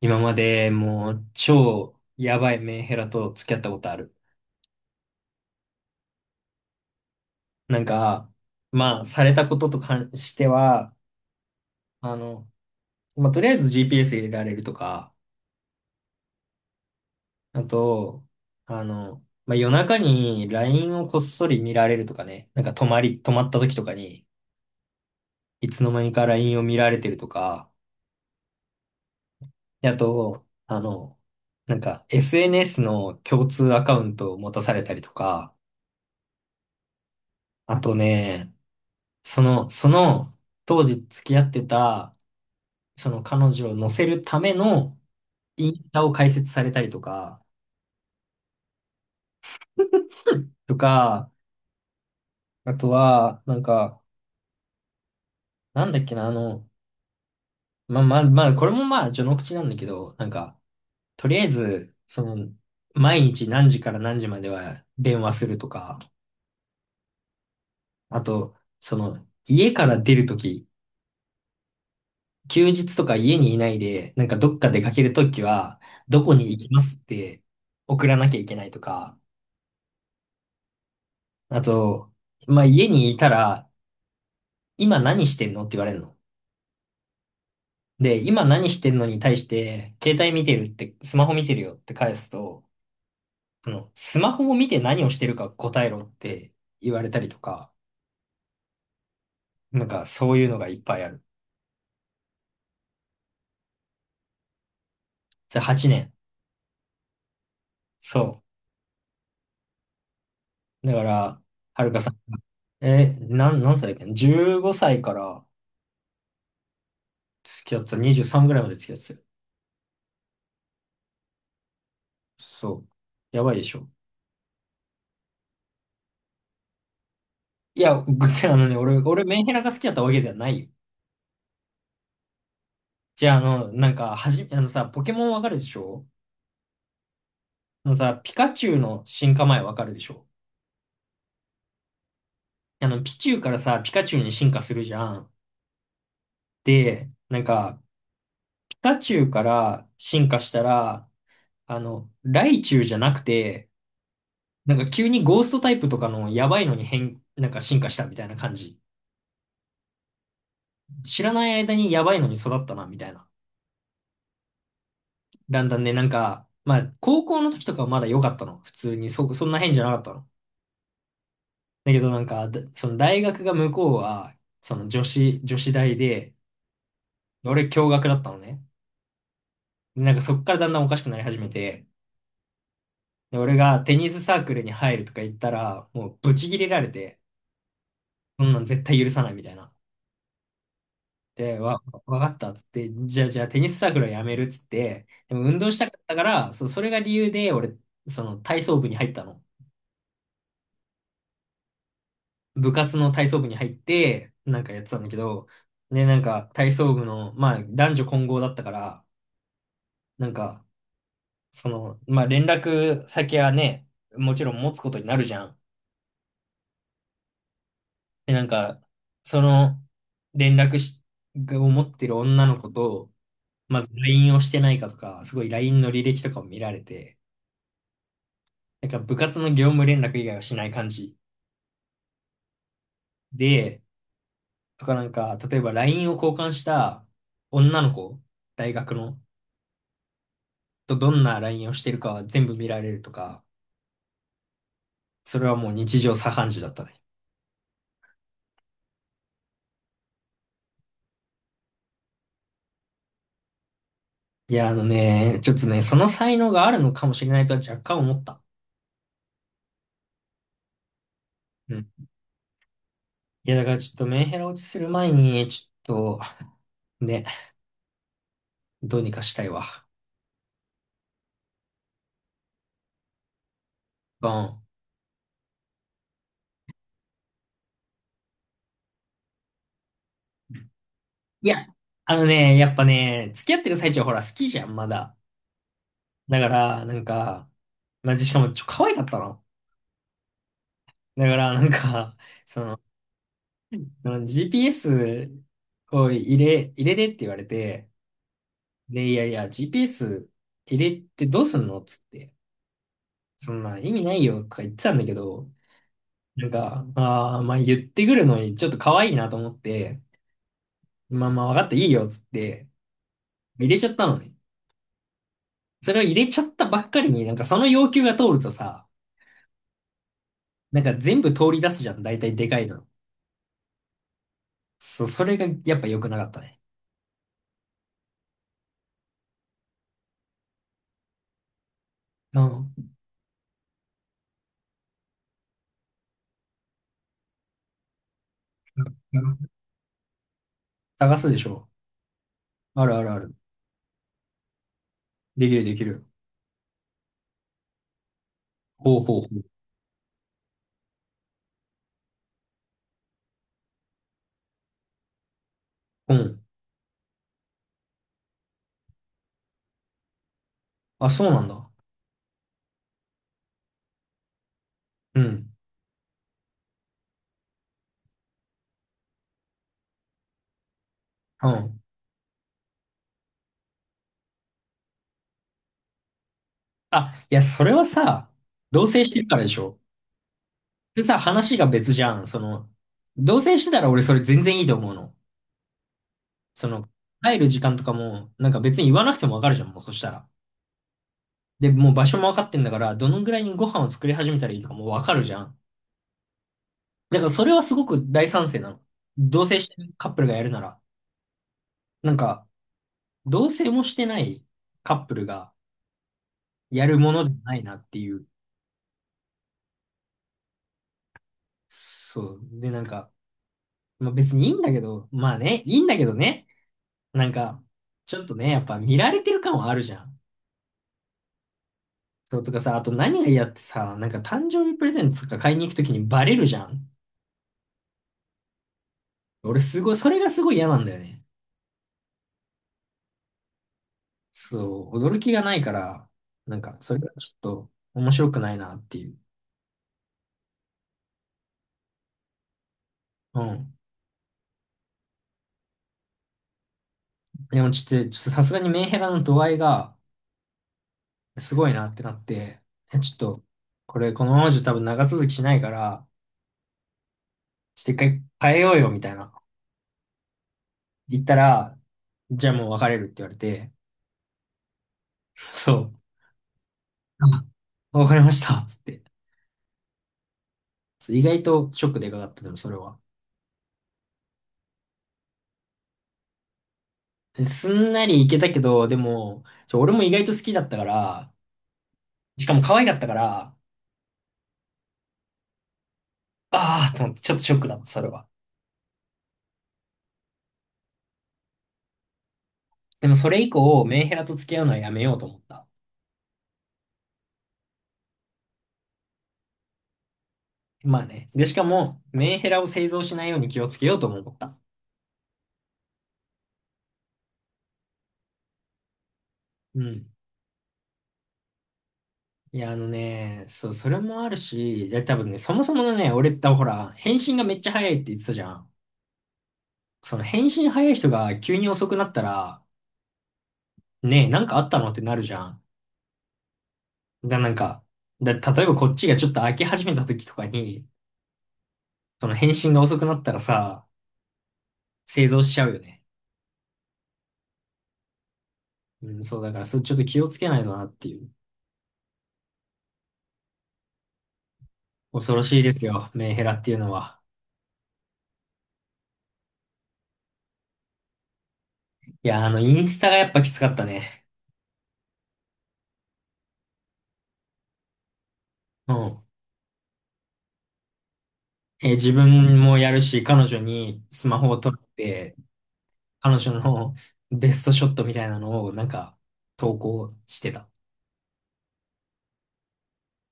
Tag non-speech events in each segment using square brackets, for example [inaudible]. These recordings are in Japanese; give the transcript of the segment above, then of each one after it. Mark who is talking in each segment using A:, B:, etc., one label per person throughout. A: 今までもう超やばいメンヘラと付き合ったことある。なんか、まあ、されたことと関しては、あの、まあ、とりあえず GPS 入れられるとか、あと、まあ、夜中に LINE をこっそり見られるとかね、なんか泊まった時とかに、いつの間にか LINE を見られてるとか、であと、なんか SNS の共通アカウントを持たされたりとか、あとね、その、当時付き合ってた、その彼女を乗せるためのインスタを開設されたりとか、とか、あとは、なんか、なんだっけな、まあ、これもまあ、序の口なんだけど、なんか、とりあえず、その、毎日何時から何時までは電話するとか、あと、その、家から出るとき、休日とか家にいないで、なんかどっか出かけるときは、どこに行きますって送らなきゃいけないとか、あと、まあ、家にいたら、今何してんのって言われるの。で、今何してんのに対して、携帯見てるって、スマホ見てるよって返すと、その、スマホを見て何をしてるか答えろって言われたりとか、なんかそういうのがいっぱいある。じゃあ8年。そう。だから、はるかさんが、え、なん、何歳だっけ？ 15 歳から付き合ってた、23ぐらいまで付き合ってたよ。そう。やばいでしょ。いや、[laughs] あのね、俺、メンヘラが好きだったわけではないよ。じゃあ、あの、なんか、あのさ、ポケモンわかるでしょ？あのさ、ピカチュウの進化前わかるでしょ？あの、ピチュウからさ、ピカチュウに進化するじゃん。で、なんか、ピカチュウから進化したら、あの、ライチュウじゃなくて、なんか急にゴーストタイプとかのやばいのになんか進化したみたいな感じ。知らない間にやばいのに育ったな、みたいな。だんだんね、なんか、まあ、高校の時とかはまだ良かったの。普通に、そんな変じゃなかったの。だけどなんか、その大学が向こうは、その女子大で、俺共学だったのね。でなんかそっからだんだんおかしくなり始めて、で、俺がテニスサークルに入るとか言ったら、もうブチギレられて、そんなん絶対許さないみたいな。で、わかったっつって、じゃあテニスサークルはやめるっつって、でも運動したかったから、それが理由で俺、その体操部に入ったの。部活の体操部に入って、なんかやってたんだけど、で、なんか体操部の、まあ男女混合だったから、なんか、その、まあ、連絡先はね、もちろん持つことになるじゃん。で、なんか、その、連絡し、を持ってる女の子と、まず LINE をしてないかとか、すごい LINE の履歴とかを見られて、なんか部活の業務連絡以外はしない感じで、とかなんか、例えば LINE を交換した女の子、大学の、とどんな LINE をしてるかは全部見られるとか、それはもう日常茶飯事だったね。いや、あのね、ちょっとね、その才能があるのかもしれないとは若干思った。うん。いや、だからちょっとメンヘラ落ちする前に、ちょっと、ね、どうにかしたいわ。うん。いや、あのね、やっぱね、付き合ってる最中はほら、好きじゃん、まだ。だから、なんか、まあ、しかも、可愛かったの。だから、なんか、[laughs] その、その GPS を入れてって言われて、で、いやいや、GPS 入れてどうすんのっつって、そんな意味ないよとか言ってたんだけど、なんか、ああ、まあ言ってくるのにちょっと可愛いなと思って、まあまあ分かったいいよっつって入れちゃったのね。それを入れちゃったばっかりになんかその要求が通るとさ、なんか全部通り出すじゃん。大体でかいの。そう、それがやっぱ良くなかったね。うん。探すでしょ。あるあるある。できるできる。ほうほうほう。うん。あ、そうなんだ。うん。うん。あ、いや、それはさ、同棲してるからでしょ。でさ、話が別じゃん。その、同棲してたら俺それ全然いいと思うの。その、帰る時間とかも、なんか別に言わなくてもわかるじゃん、もうそしたら。で、もう場所も分かってんだから、どのぐらいにご飯を作り始めたらいいとかも分かるじゃん。だからそれはすごく大賛成なの。同棲してるカップルがやるなら。なんか、同棲もしてないカップルがやるものじゃないなっていう。そう。で、なんか、まあ、別にいいんだけど、まあね、いいんだけどね。なんか、ちょっとね、やっぱ見られてる感はあるじゃん。そうとかさ、あと何が嫌ってさ、なんか誕生日プレゼントとか買いに行くときにバレるじゃん。俺すごい、それがすごい嫌なんだよね。そう、驚きがないから、なんか、それがちょっと面白くないなっていう。うん。でもちょっと、ちょっとさすがにメンヘラの度合いがすごいなってなって、ちょっと、これこのままじゃ多分長続きしないから、ちょっと一回変えようよみたいな。言ったら、じゃあもう別れるって言われて、そう。あ、わかりましたっつって。そう意外とショックでかかった、でもそれは。すんなりいけたけど、でも、俺も意外と好きだったから、しかも可愛かったから、ああ、と思って、ちょっとショックだった、それは。でもそれ以降、メンヘラと付き合うのはやめようと思った。まあね。で、しかも、メンヘラを製造しないように気をつけようとも思った。うん。いや、あのね、そう、それもあるし、で、多分ね、そもそものね、俺ってほら、返信がめっちゃ早いって言ってたじゃん。その返信早い人が急に遅くなったら、ねえ、なんかあったのってなるじゃん。なんか、例えばこっちがちょっと開き始めた時とかに、その返信が遅くなったらさ、製造しちゃうよね。うん、そう、だから、それちょっと気をつけないとなっていう。恐ろしいですよ、メンヘラっていうのは。いや、あの、インスタがやっぱきつかったね。うん。え、自分もやるし、彼女にスマホを撮って、彼女のベストショットみたいなのを、なんか、投稿してた。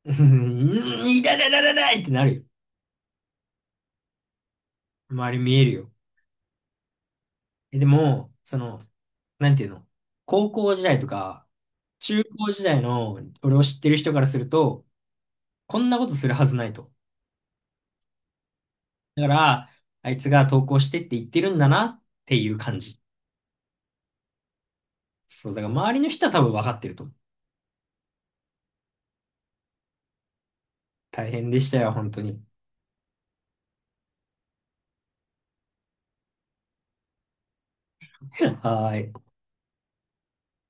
A: うん、いだだだだだいってなるよ。周り見えるよ。え、でも、その、なんていうの、高校時代とか、中高時代の俺を知ってる人からすると、こんなことするはずないと。だから、あいつが投稿してって言ってるんだなっていう感じ。そう、だから周りの人は多分分かってると思う。大変でしたよ、本当に。[laughs] はーい。